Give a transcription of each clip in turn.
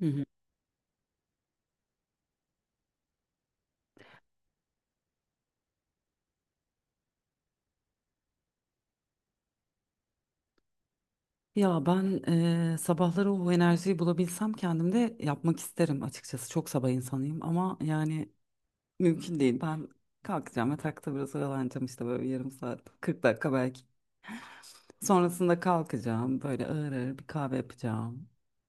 Hı hı. Ya ben sabahları o enerjiyi bulabilsem kendimde yapmak isterim açıkçası. Çok sabah insanıyım ama yani mümkün değil. Ben kalkacağım, yatakta biraz oyalanacağım işte böyle yarım saat, 40 dakika belki. Sonrasında kalkacağım. Böyle ağır ağır bir kahve yapacağım.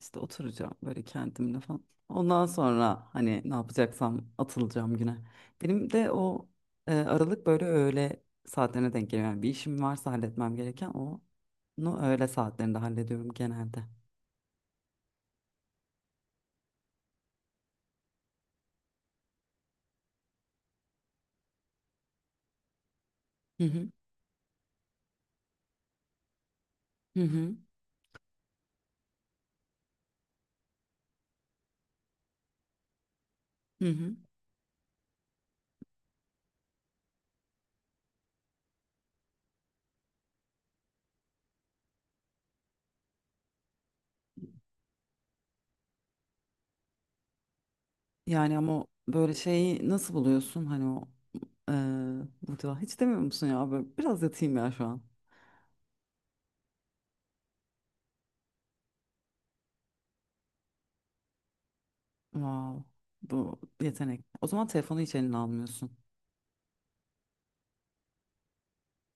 İşte oturacağım böyle kendimle falan. Ondan sonra hani ne yapacaksam atılacağım güne. Benim de o aralık böyle öğle saatlerine denk geliyor. Yani bir işim varsa halletmem gereken onu öğle saatlerinde hallediyorum genelde. Hı hı hı hı. Hı hı. Yani ama o böyle şeyi nasıl buluyorsun, hani o e, hiç demiyor musun ya böyle biraz yatayım ya şu an. Wow, bu yetenek. O zaman telefonu hiç eline almıyorsun.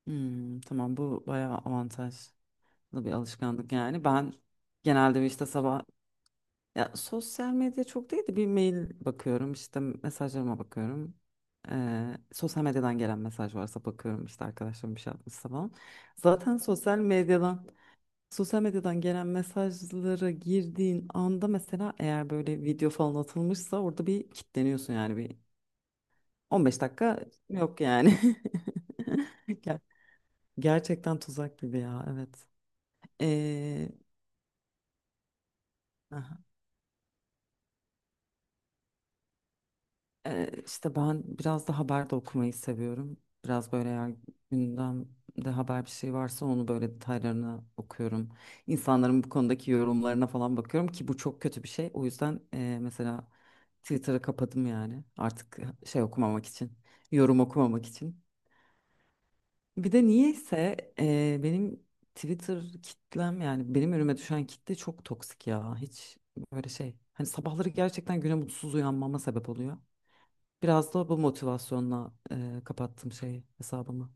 Hmm, tamam, bu bayağı avantajlı bir alışkanlık yani. Ben genelde işte sabah ya sosyal medya çok değil de bir mail bakıyorum, işte mesajlarıma bakıyorum. Sosyal medyadan gelen mesaj varsa bakıyorum, işte arkadaşlarım bir şey atmışsa falan. Zaten sosyal medyadan sosyal medyadan gelen mesajlara girdiğin anda mesela eğer böyle video falan atılmışsa orada bir kilitleniyorsun, yani bir 15 dakika yok yani. Ger- Gerçekten tuzak gibi ya, evet. Ee, aha, işte ben biraz da haber de okumayı seviyorum. Biraz böyle, eğer gündemde haber bir şey varsa, onu böyle detaylarına okuyorum. İnsanların bu konudaki yorumlarına falan bakıyorum ki bu çok kötü bir şey. O yüzden mesela Twitter'ı kapadım yani, artık şey okumamak için, yorum okumamak için. Bir de niyeyse benim Twitter kitlem, yani benim önüme düşen kitle çok toksik ya. Hiç böyle şey. Hani sabahları gerçekten güne mutsuz uyanmama sebep oluyor. Biraz da bu motivasyonla kapattım şeyi, hesabımı.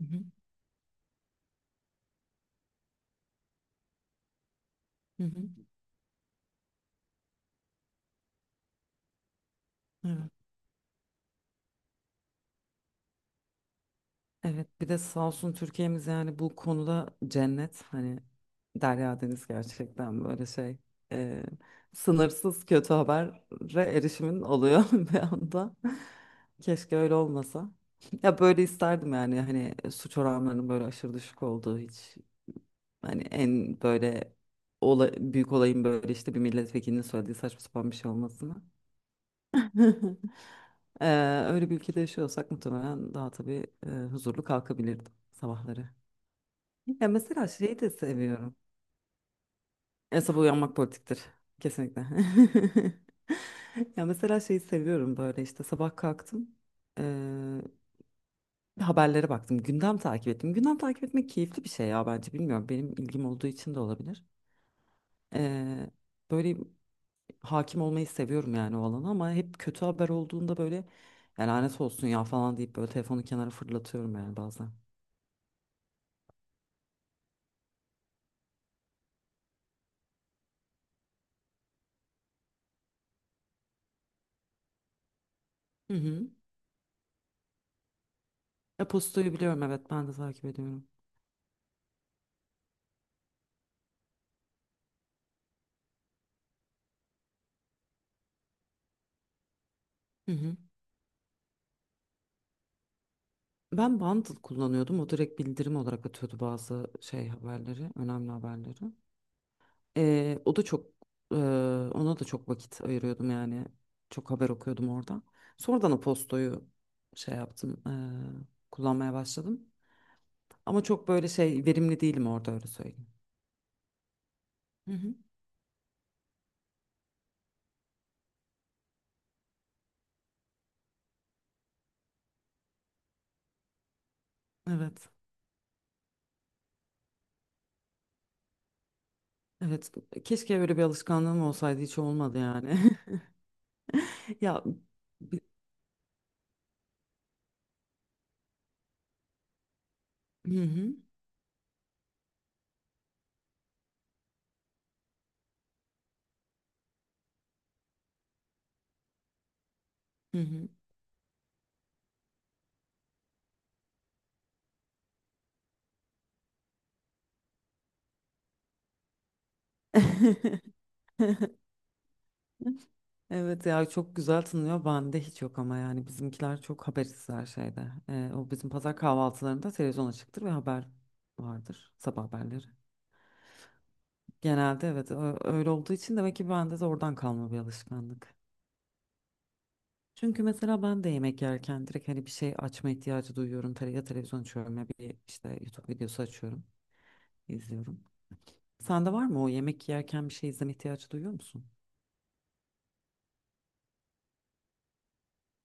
Hı hı. Hı hı. Evet. Evet, bir de sağ olsun Türkiye'miz yani bu konuda cennet, hani Derya Deniz gerçekten, böyle şey, e, sınırsız kötü habere erişimin oluyor bir anda. Keşke öyle olmasa. Ya böyle isterdim yani, hani suç oranlarının böyle aşırı düşük olduğu, hiç hani en böyle büyük olayın böyle işte bir milletvekilinin söylediği saçma sapan bir şey olmasını. Öyle bir ülkede yaşıyorsak muhtemelen daha tabii huzurlu kalkabilirdim sabahları. Ya mesela şeyi de seviyorum. E, sabah uyanmak politiktir. Kesinlikle. Ya mesela şeyi seviyorum, böyle işte sabah kalktım, e, haberlere baktım. Gündem takip ettim. Gündem takip etmek keyifli bir şey ya, bence, bilmiyorum. Benim ilgim olduğu için de olabilir. E, böyle hakim olmayı seviyorum yani o alana, ama hep kötü haber olduğunda böyle, "Ya lanet olsun ya" falan deyip böyle telefonu kenara fırlatıyorum yani bazen. Hı hı. E-postayı biliyorum, evet, ben de takip ediyorum. Hı hı. Ben Bundle kullanıyordum. O direkt bildirim olarak atıyordu bazı şey haberleri, önemli haberleri. O da çok e, ona da çok vakit ayırıyordum yani. Çok haber okuyordum orada. Sonradan o postoyu şey yaptım, kullanmaya başladım. Ama çok böyle şey verimli değilim orada, öyle söyleyeyim. Hı hı. Evet. Evet. Keşke öyle bir alışkanlığım olsaydı, hiç olmadı yani. Ya bi- hı hı. Hı hı. Evet ya, çok güzel tınlıyor. Bende hiç yok ama, yani bizimkiler çok habersiz her şeyde. O bizim pazar kahvaltılarında televizyon açıktır ve haber vardır, sabah haberleri. Genelde evet, öyle olduğu için demek ki bende de oradan kalma bir alışkanlık. Çünkü mesela ben de yemek yerken direkt hani bir şey açma ihtiyacı duyuyorum. Tele, ya televizyon açıyorum ya bir işte YouTube videosu açıyorum, izliyorum. Sende var mı o, yemek yerken bir şey izleme ihtiyacı duyuyor musun?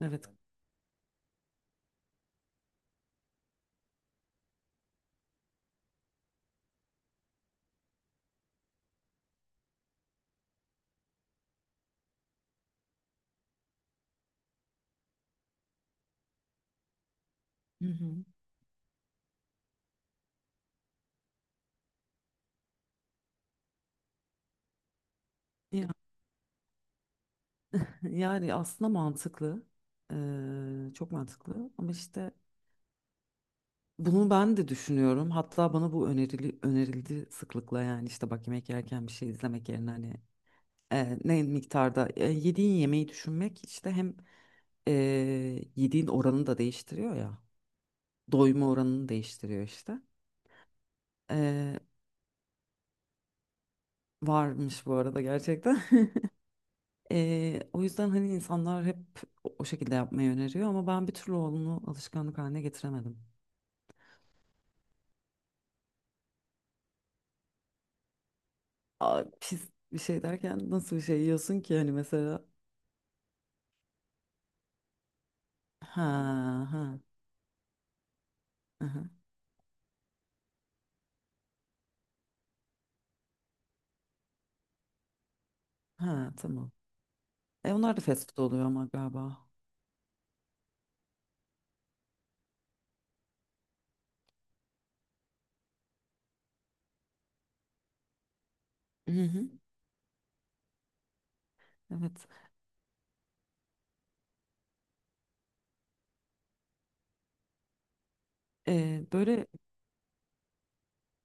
Evet. Hı hı. Ya, yani aslında mantıklı. Çok mantıklı ama işte bunu ben de düşünüyorum. Hatta bana bu önerildi sıklıkla, yani işte bak yemek yerken bir şey izlemek yerine hani ne miktarda yediğin yemeği düşünmek işte hem e, yediğin oranını da değiştiriyor ya. Doyma oranını değiştiriyor işte. E, varmış bu arada gerçekten. O yüzden hani insanlar hep o şekilde yapmayı öneriyor ama ben bir türlü onu alışkanlık haline getiremedim. Aa, pis bir şey derken nasıl bir şey yiyorsun ki hani mesela? Ha ha aha, ha tamam. E onlar da fast food oluyor ama galiba. Hı hı. Evet. Böyle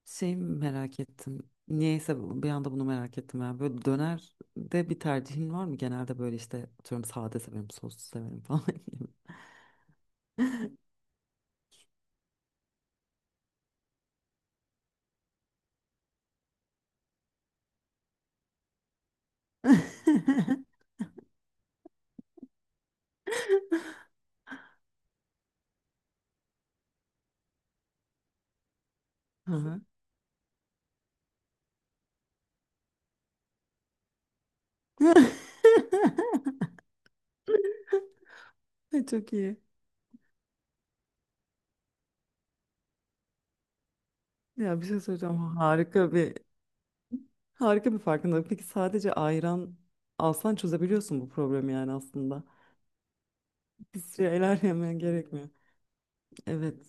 şey merak ettim. Niyeyse bir anda bunu merak ettim ya. Böyle dönerde bir tercihin var mı? Genelde böyle işte atıyorum, sade severim, soslu severim falan. Hı hı. Ay, çok iyi. Ya bir şey söyleyeceğim. Harika bir harika bir farkındalık. Peki sadece ayran alsan çözebiliyorsun bu problemi yani aslında. Bir şeyler yemen gerekmiyor. Evet.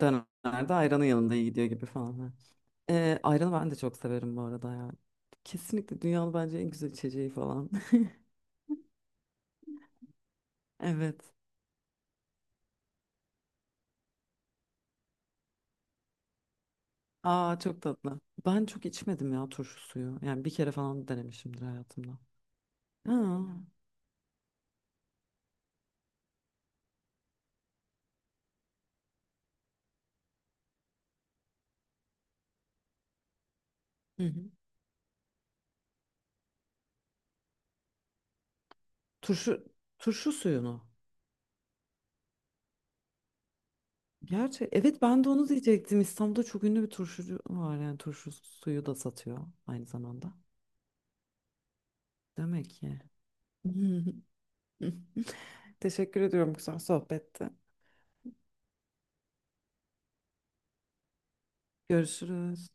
Dönemlerde ayranın yanında iyi gidiyor gibi falan. Ha. Ayranı ben de çok severim bu arada ya. Kesinlikle dünyanın bence en güzel içeceği falan. Evet. Aa çok tatlı. Ben çok içmedim ya turşu suyu. Yani bir kere falan denemişimdir hayatımda. Ha. Hı hı. Turşu turşu suyunu. Gerçi evet, ben de onu diyecektim. İstanbul'da çok ünlü bir turşucu var, yani turşu suyu da satıyor aynı zamanda. Demek ki. Teşekkür ediyorum güzel sohbette. Görüşürüz.